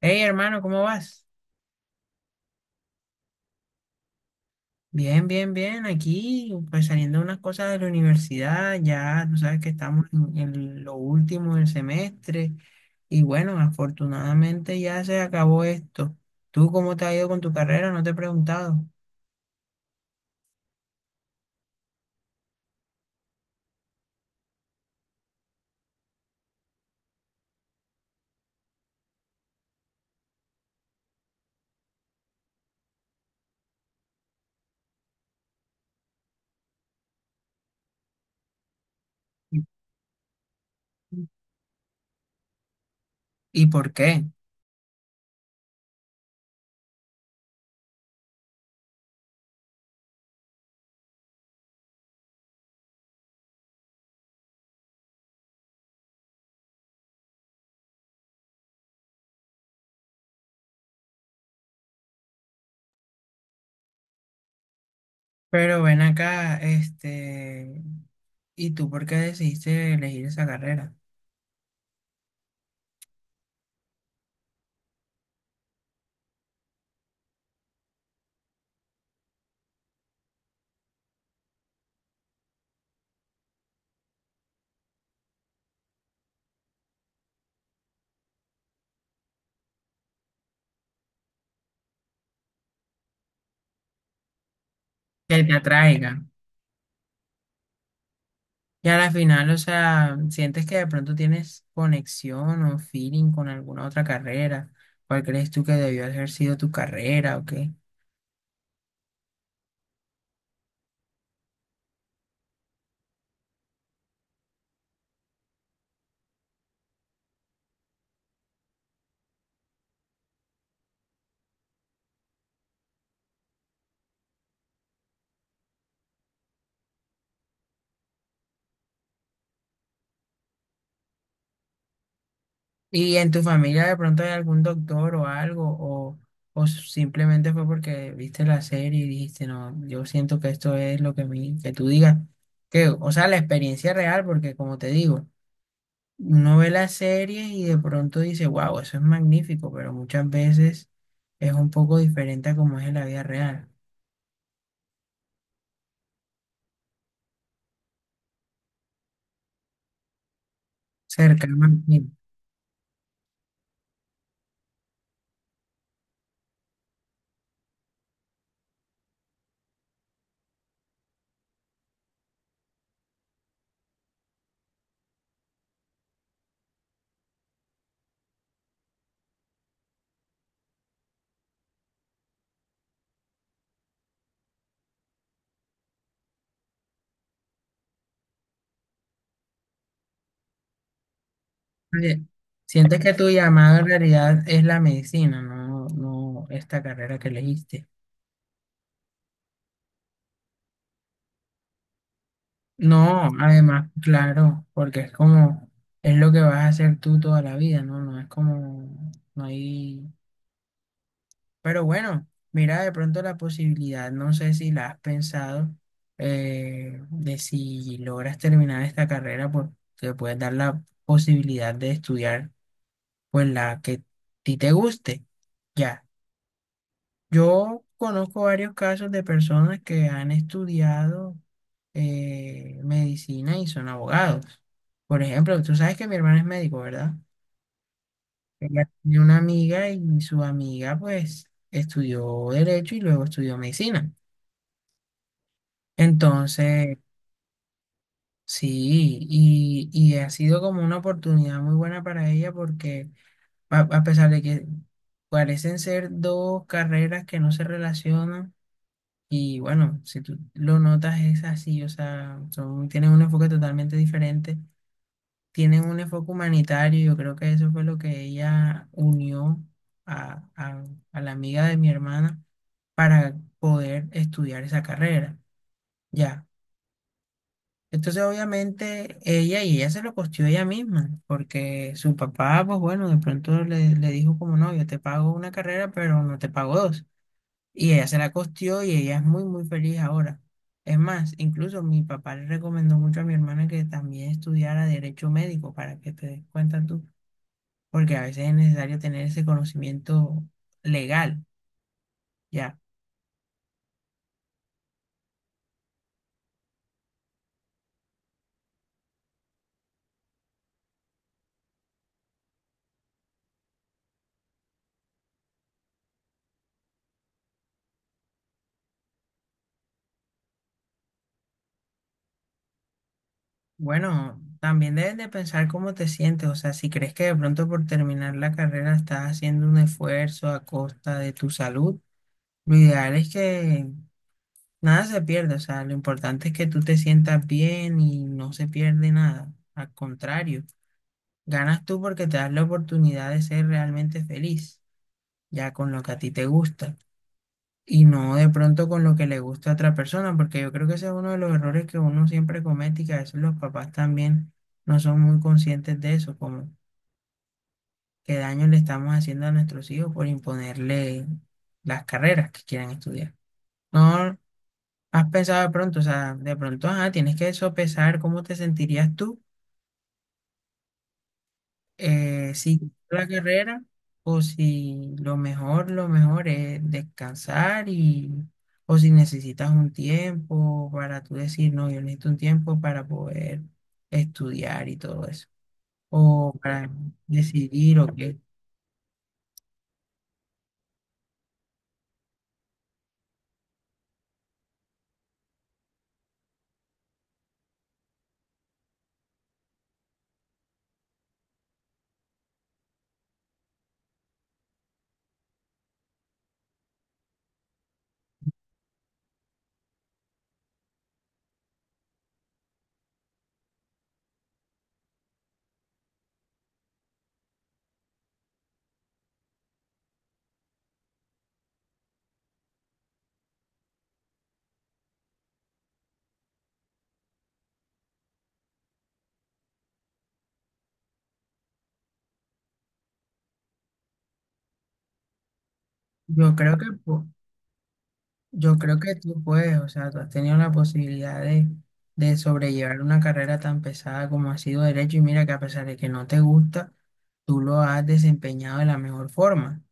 Hey, hermano, ¿cómo vas? Bien, bien, bien. Aquí, pues saliendo unas cosas de la universidad, ya tú sabes que estamos en lo último del semestre y bueno, afortunadamente ya se acabó esto. ¿Tú cómo te ha ido con tu carrera? No te he preguntado. ¿Y y por qué? Pero ven acá, este, ¿y tú por qué decidiste elegir esa carrera? Que te atraiga. Y a la final, o sea, sientes que de pronto tienes conexión o feeling con alguna otra carrera. ¿Cuál crees tú que debió haber sido tu carrera o qué? ¿Y en tu familia de pronto hay algún doctor o algo? O simplemente fue porque viste la serie y dijiste, no, yo siento que esto es lo que, mi, que tú digas? Que, o sea, la experiencia real, porque como te digo, uno ve la serie y de pronto dice, wow, eso es magnífico, pero muchas veces es un poco diferente a como es en la vida real. Cercano al fin. Oye, sientes que tu llamado en realidad es la medicina, no, no esta carrera que elegiste. No, además, claro, porque es como, es lo que vas a hacer tú toda la vida, ¿no? No es como, no hay... Pero bueno, mira de pronto la posibilidad, no sé si la has pensado, de si logras terminar esta carrera, pues te puedes dar la posibilidad de estudiar, pues la que a ti te guste. Ya. Yo conozco varios casos de personas que han estudiado medicina y son abogados. Por ejemplo, tú sabes que mi hermana es médico, ¿verdad? Ella tiene una amiga y su amiga pues estudió derecho y luego estudió medicina. Entonces, sí, y ha sido como una oportunidad muy buena para ella porque a pesar de que parecen ser dos carreras que no se relacionan, y bueno, si tú lo notas es así, o sea, son, tienen un enfoque totalmente diferente, tienen un enfoque humanitario, yo creo que eso fue lo que ella unió a, a- a la amiga de mi hermana para poder estudiar esa carrera, ya. Entonces, obviamente, ella se lo costeó ella misma, porque su papá, pues bueno, de pronto le dijo como, no, yo te pago una carrera, pero no te pago dos. Y ella se la costeó y ella es muy, muy feliz ahora. Es más, incluso mi papá le recomendó mucho a mi hermana que también estudiara derecho médico para que te des cuenta tú, porque a veces es necesario tener ese conocimiento legal, ya. Bueno, también debes de pensar cómo te sientes, o sea, si crees que de pronto por terminar la carrera estás haciendo un esfuerzo a costa de tu salud, lo ideal es que nada se pierda, o sea, lo importante es que tú te sientas bien y no se pierde nada, al contrario. Ganas tú porque te das la oportunidad de ser realmente feliz, ya con lo que a ti te gusta, y no de pronto con lo que le gusta a otra persona, porque yo creo que ese es uno de los errores que uno siempre comete y que a veces los papás también no son muy conscientes de eso, como qué daño le estamos haciendo a nuestros hijos por imponerle las carreras que quieran estudiar. No has pensado de pronto, o sea, de pronto, ajá, tienes que sopesar cómo te sentirías tú si la carrera o si lo mejor, lo mejor es descansar y o si necesitas un tiempo para tú decir, no, yo necesito un tiempo para poder estudiar y todo eso, o para decidir o qué. Yo creo que po- yo creo que tú puedes, o sea, tú has tenido la posibilidad de sobrellevar una carrera tan pesada como ha sido derecho y mira que a pesar de que no te gusta, tú lo has desempeñado de la mejor forma.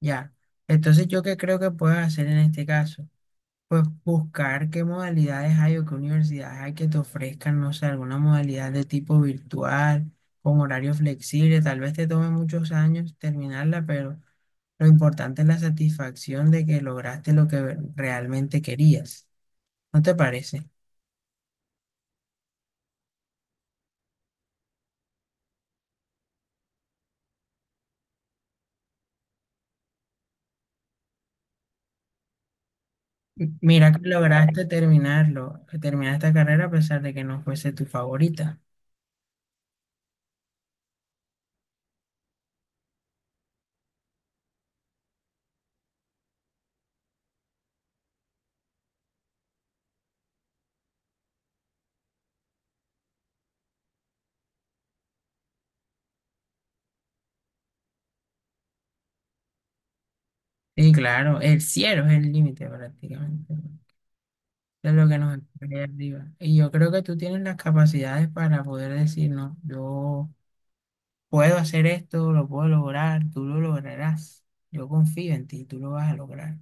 Ya. Entonces, ¿yo qué creo que puedes hacer en este caso? Pues buscar qué modalidades hay o qué universidades hay que te ofrezcan, no sé, alguna modalidad de tipo virtual, con horario flexible. Tal vez te tome muchos años terminarla, pero lo importante es la satisfacción de que lograste lo que realmente querías. ¿No te parece? Mira que lograste terminarlo, terminar esta carrera a pesar de que no fuese tu favorita. Sí, claro, el cielo es el límite prácticamente, ¿no? De lo que nos espera ahí arriba. Y yo creo que tú tienes las capacidades para poder decir, no, yo puedo hacer esto, lo puedo lograr, tú lo lograrás. Yo confío en ti, tú lo vas a lograr.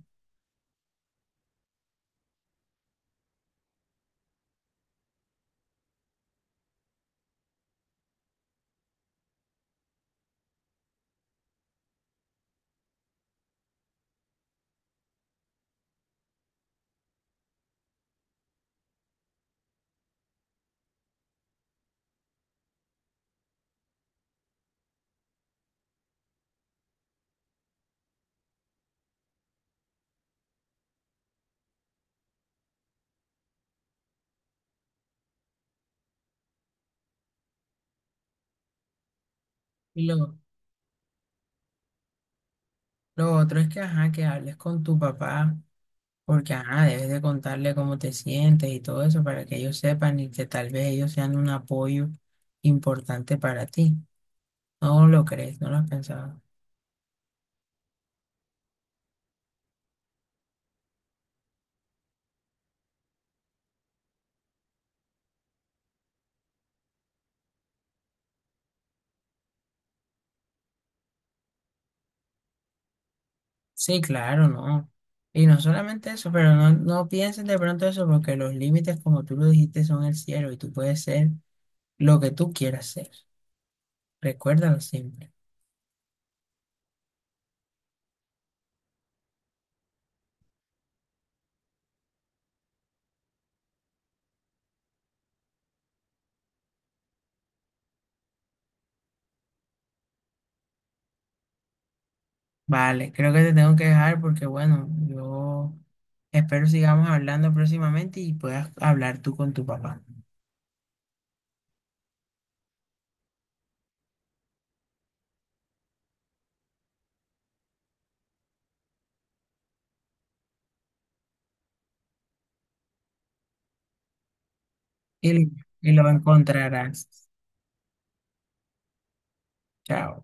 Y lo otro es que, ajá, que hables con tu papá, porque, ajá, debes de contarle cómo te sientes y todo eso para que ellos sepan y que tal vez ellos sean un apoyo importante para ti. ¿No lo crees? ¿No lo has pensado? Sí, claro, no. Y no solamente eso, pero no, no pienses de pronto eso porque los límites, como tú lo dijiste, son el cielo y tú puedes ser lo que tú quieras ser. Recuérdalo siempre. Vale, creo que te tengo que dejar porque, bueno, yo espero sigamos hablando próximamente y puedas hablar tú con tu papá. Y, y lo encontrarás. Chao.